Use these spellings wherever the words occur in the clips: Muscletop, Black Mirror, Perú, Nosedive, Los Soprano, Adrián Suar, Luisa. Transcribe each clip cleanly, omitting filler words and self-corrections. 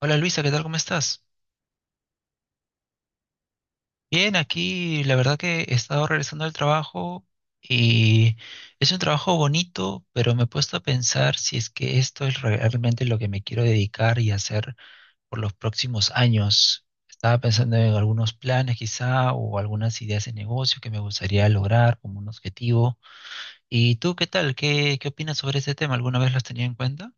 Hola Luisa, ¿qué tal? ¿Cómo estás? Bien, aquí la verdad que he estado regresando al trabajo y es un trabajo bonito, pero me he puesto a pensar si es que esto es realmente lo que me quiero dedicar y hacer por los próximos años. Estaba pensando en algunos planes quizá o algunas ideas de negocio que me gustaría lograr como un objetivo. ¿Y tú qué tal? ¿Qué opinas sobre ese tema? ¿Alguna vez lo has tenido en cuenta?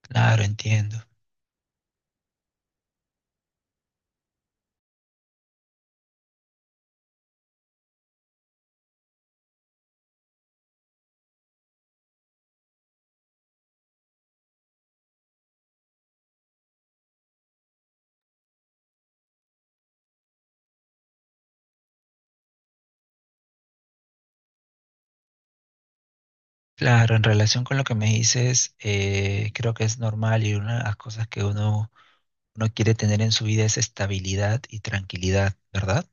Claro, entiendo. Claro, en relación con lo que me dices, creo que es normal y una de las cosas que uno quiere tener en su vida es estabilidad y tranquilidad, ¿verdad?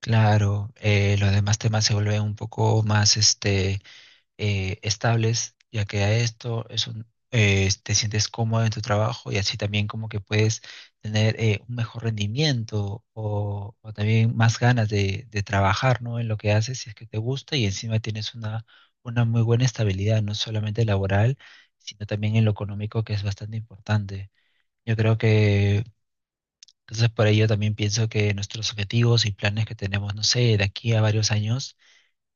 Claro, los demás temas se vuelven un poco más estables, ya que a esto es un, te sientes cómodo en tu trabajo y así también como que puedes tener un mejor rendimiento o también más ganas de trabajar, ¿no? En lo que haces, si es que te gusta y encima tienes una muy buena estabilidad, no solamente laboral, sino también en lo económico, que es bastante importante. Yo creo que... Entonces, por ello también pienso que nuestros objetivos y planes que tenemos, no sé, de aquí a varios años,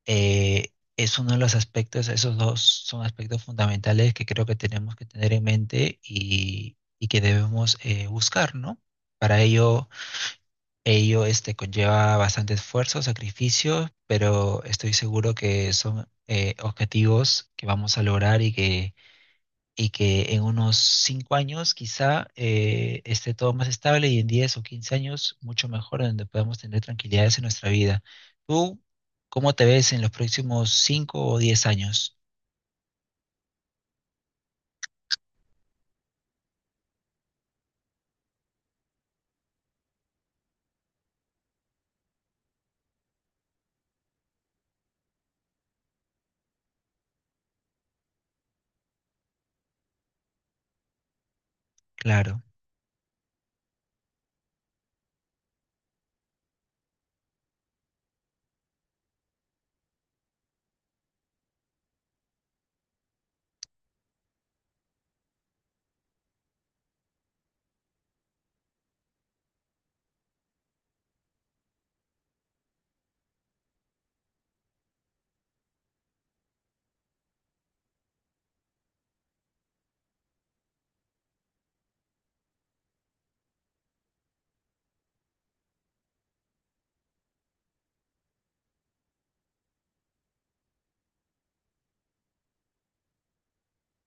es uno de los aspectos, esos dos son aspectos fundamentales que creo que tenemos que tener en mente y que debemos buscar, ¿no? Para ello conlleva bastante esfuerzo, sacrificio, pero estoy seguro que son objetivos que vamos a lograr y que en unos 5 años quizá esté todo más estable y en 10 o 15 años mucho mejor, donde podamos tener tranquilidades en nuestra vida. ¿Tú cómo te ves en los próximos cinco o diez años? Claro.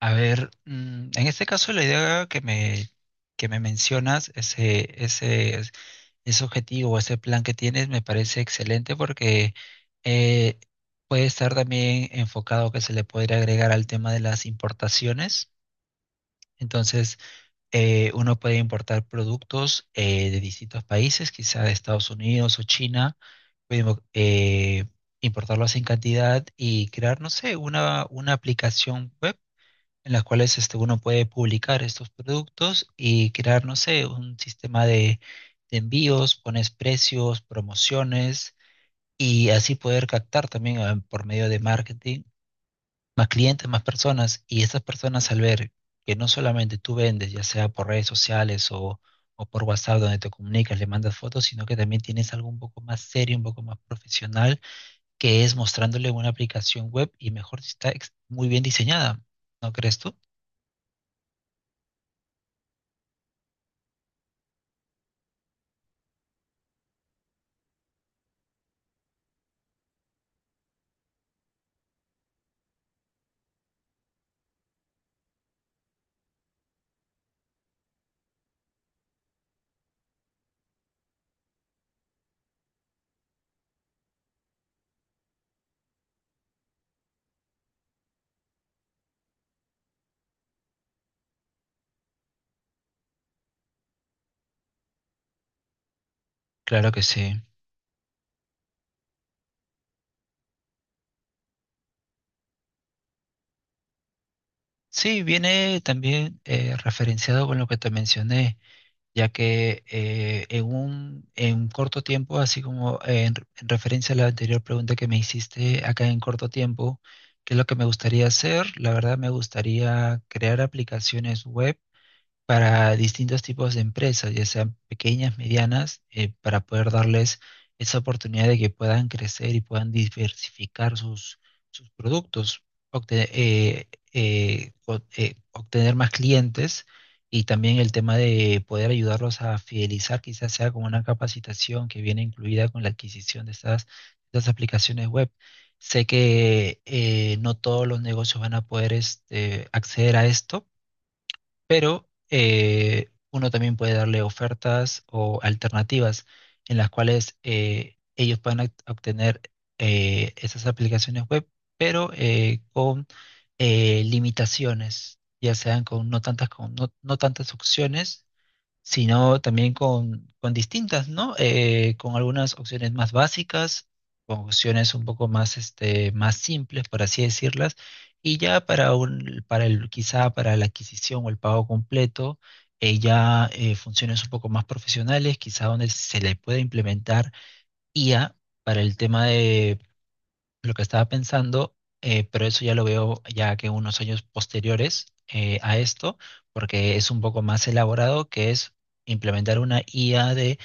A ver, en este caso la idea que me mencionas, ese objetivo, ese plan que tienes, me parece excelente porque eh, puede estar también enfocado que se le podría agregar al tema de las importaciones. Entonces, uno puede importar productos de distintos países, quizá de Estados Unidos o China, puede mo- eh, importarlos en cantidad y crear, no sé, una aplicación web en las cuales este, uno puede publicar estos productos y crear, no sé, un sistema de envíos, pones precios, promociones y así poder captar también por medio de marketing más clientes, más personas, y estas personas al ver que no solamente tú vendes, ya sea por redes sociales o por WhatsApp donde te comunicas, le mandas fotos, sino que también tienes algo un poco más serio, un poco más profesional, que es mostrándole una aplicación web y mejor si muy bien diseñada, ¿no crees tú? Claro que sí. Sí, viene también referenciado con lo que te mencioné ya que en un corto tiempo, así como en referencia a la anterior pregunta que me hiciste, acá en corto tiempo, ¿qué es lo que me gustaría hacer? La verdad me gustaría crear aplicaciones web para distintos tipos de empresas, ya sean pequeñas, medianas, para poder darles esa oportunidad de que puedan crecer y puedan diversificar sus productos, obtener más clientes y también el tema de poder ayudarlos a fidelizar, quizás sea con una capacitación que viene incluida con la adquisición de estas aplicaciones web. Sé que no todos los negocios van a poder este, acceder a esto pero uno también puede darle ofertas o alternativas en las cuales ellos puedan obtener esas aplicaciones web, pero con limitaciones, ya sean con no tantas, con no tantas opciones sino también con distintas, ¿no? Con algunas opciones más básicas, con opciones un poco más, este, más simples, por así decirlas, y ya para quizá para la adquisición o el pago completo, ya funciones un poco más profesionales, quizá donde se le pueda implementar IA para el tema lo que estaba pensando, pero eso ya lo veo ya que unos años posteriores a esto, porque es un poco más elaborado, que es implementar una IA de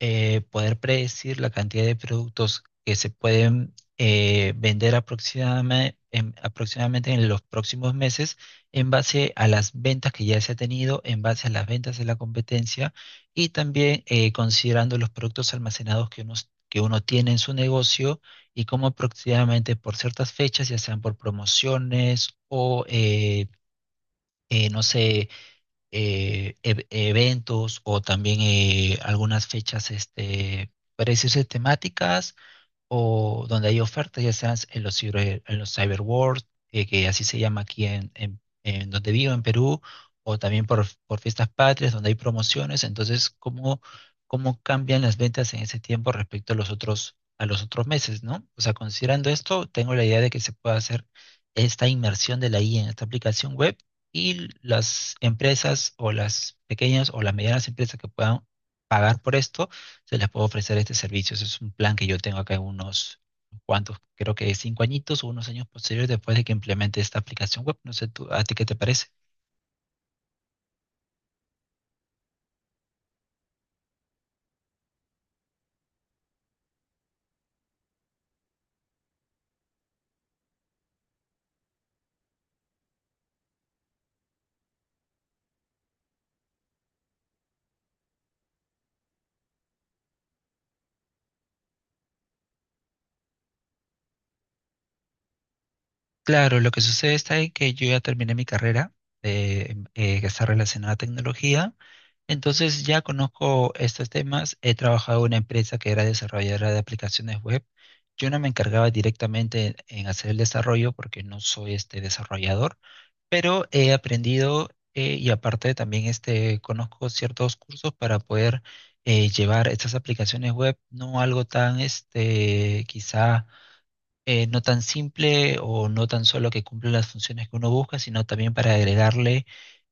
poder predecir la cantidad de productos que se pueden vender aproximadamente aproximadamente en los próximos meses en base a las ventas que ya se ha tenido, en base a las ventas de la competencia y también considerando los productos almacenados que uno tiene en su negocio y cómo aproximadamente por ciertas fechas, ya sean por promociones o no sé, eventos o también algunas fechas, este, para decirse, temáticas o donde hay ofertas, ya sean en en los cyber world, que así se llama aquí en donde vivo, en Perú, o también por fiestas patrias, donde hay promociones. Entonces, ¿cómo cambian las ventas en ese tiempo respecto a los otros meses, ¿no? O sea, considerando esto, tengo la idea de que se pueda hacer esta inmersión de la IA en esta aplicación web y las empresas o las pequeñas o las medianas empresas que puedan pagar por esto se les puede ofrecer este servicio. Ese es un plan que yo tengo acá en unos cuantos, creo que cinco añitos o unos años posteriores después de que implemente esta aplicación web. No sé, tú, ¿a ti qué te parece? Claro, lo que sucede está en que yo ya terminé mi carrera que está relacionada a tecnología. Entonces ya conozco estos temas. He trabajado en una empresa que era desarrolladora de aplicaciones web. Yo no me encargaba directamente en hacer el desarrollo porque no soy este desarrollador pero he aprendido y aparte también este, conozco ciertos cursos para poder llevar estas aplicaciones web, no algo tan este, quizá no tan simple o no tan solo que cumpla las funciones que uno busca, sino también para agregarle,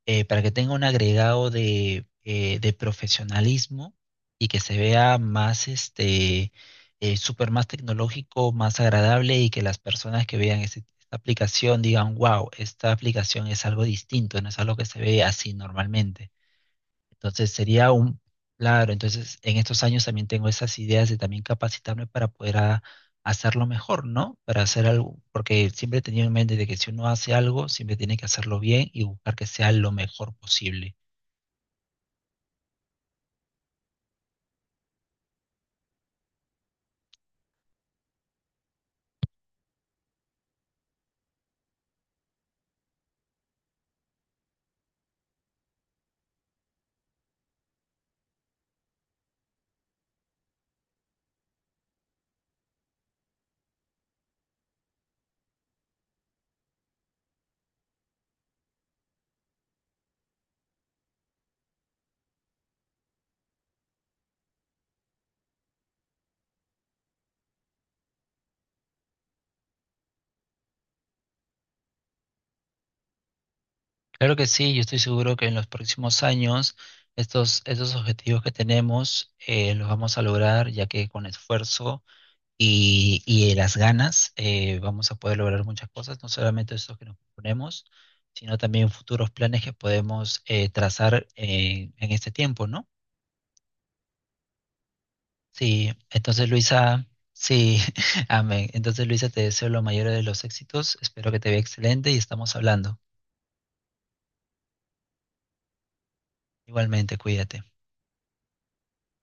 para que tenga un agregado de profesionalismo y que se vea más, súper más tecnológico, más agradable y que las personas que vean esta aplicación digan, wow, esta aplicación es algo distinto, no es algo que se ve así normalmente. Entonces sería un, claro, entonces en estos años también tengo esas ideas de también capacitarme para poder hacerlo mejor, ¿no? Para hacer algo, porque siempre he tenido en mente de que si uno hace algo, siempre tiene que hacerlo bien y buscar que sea lo mejor posible. Claro que sí, yo estoy seguro que en los próximos años estos objetivos que tenemos los vamos a lograr, ya que con esfuerzo y las ganas, vamos a poder lograr muchas cosas, no solamente esos que nos proponemos, sino también futuros planes que podemos trazar en este tiempo, ¿no? Sí, entonces Luisa, sí, amén. Entonces Luisa, te deseo lo mayor de los éxitos, espero que te vea excelente y estamos hablando. Igualmente, cuídate.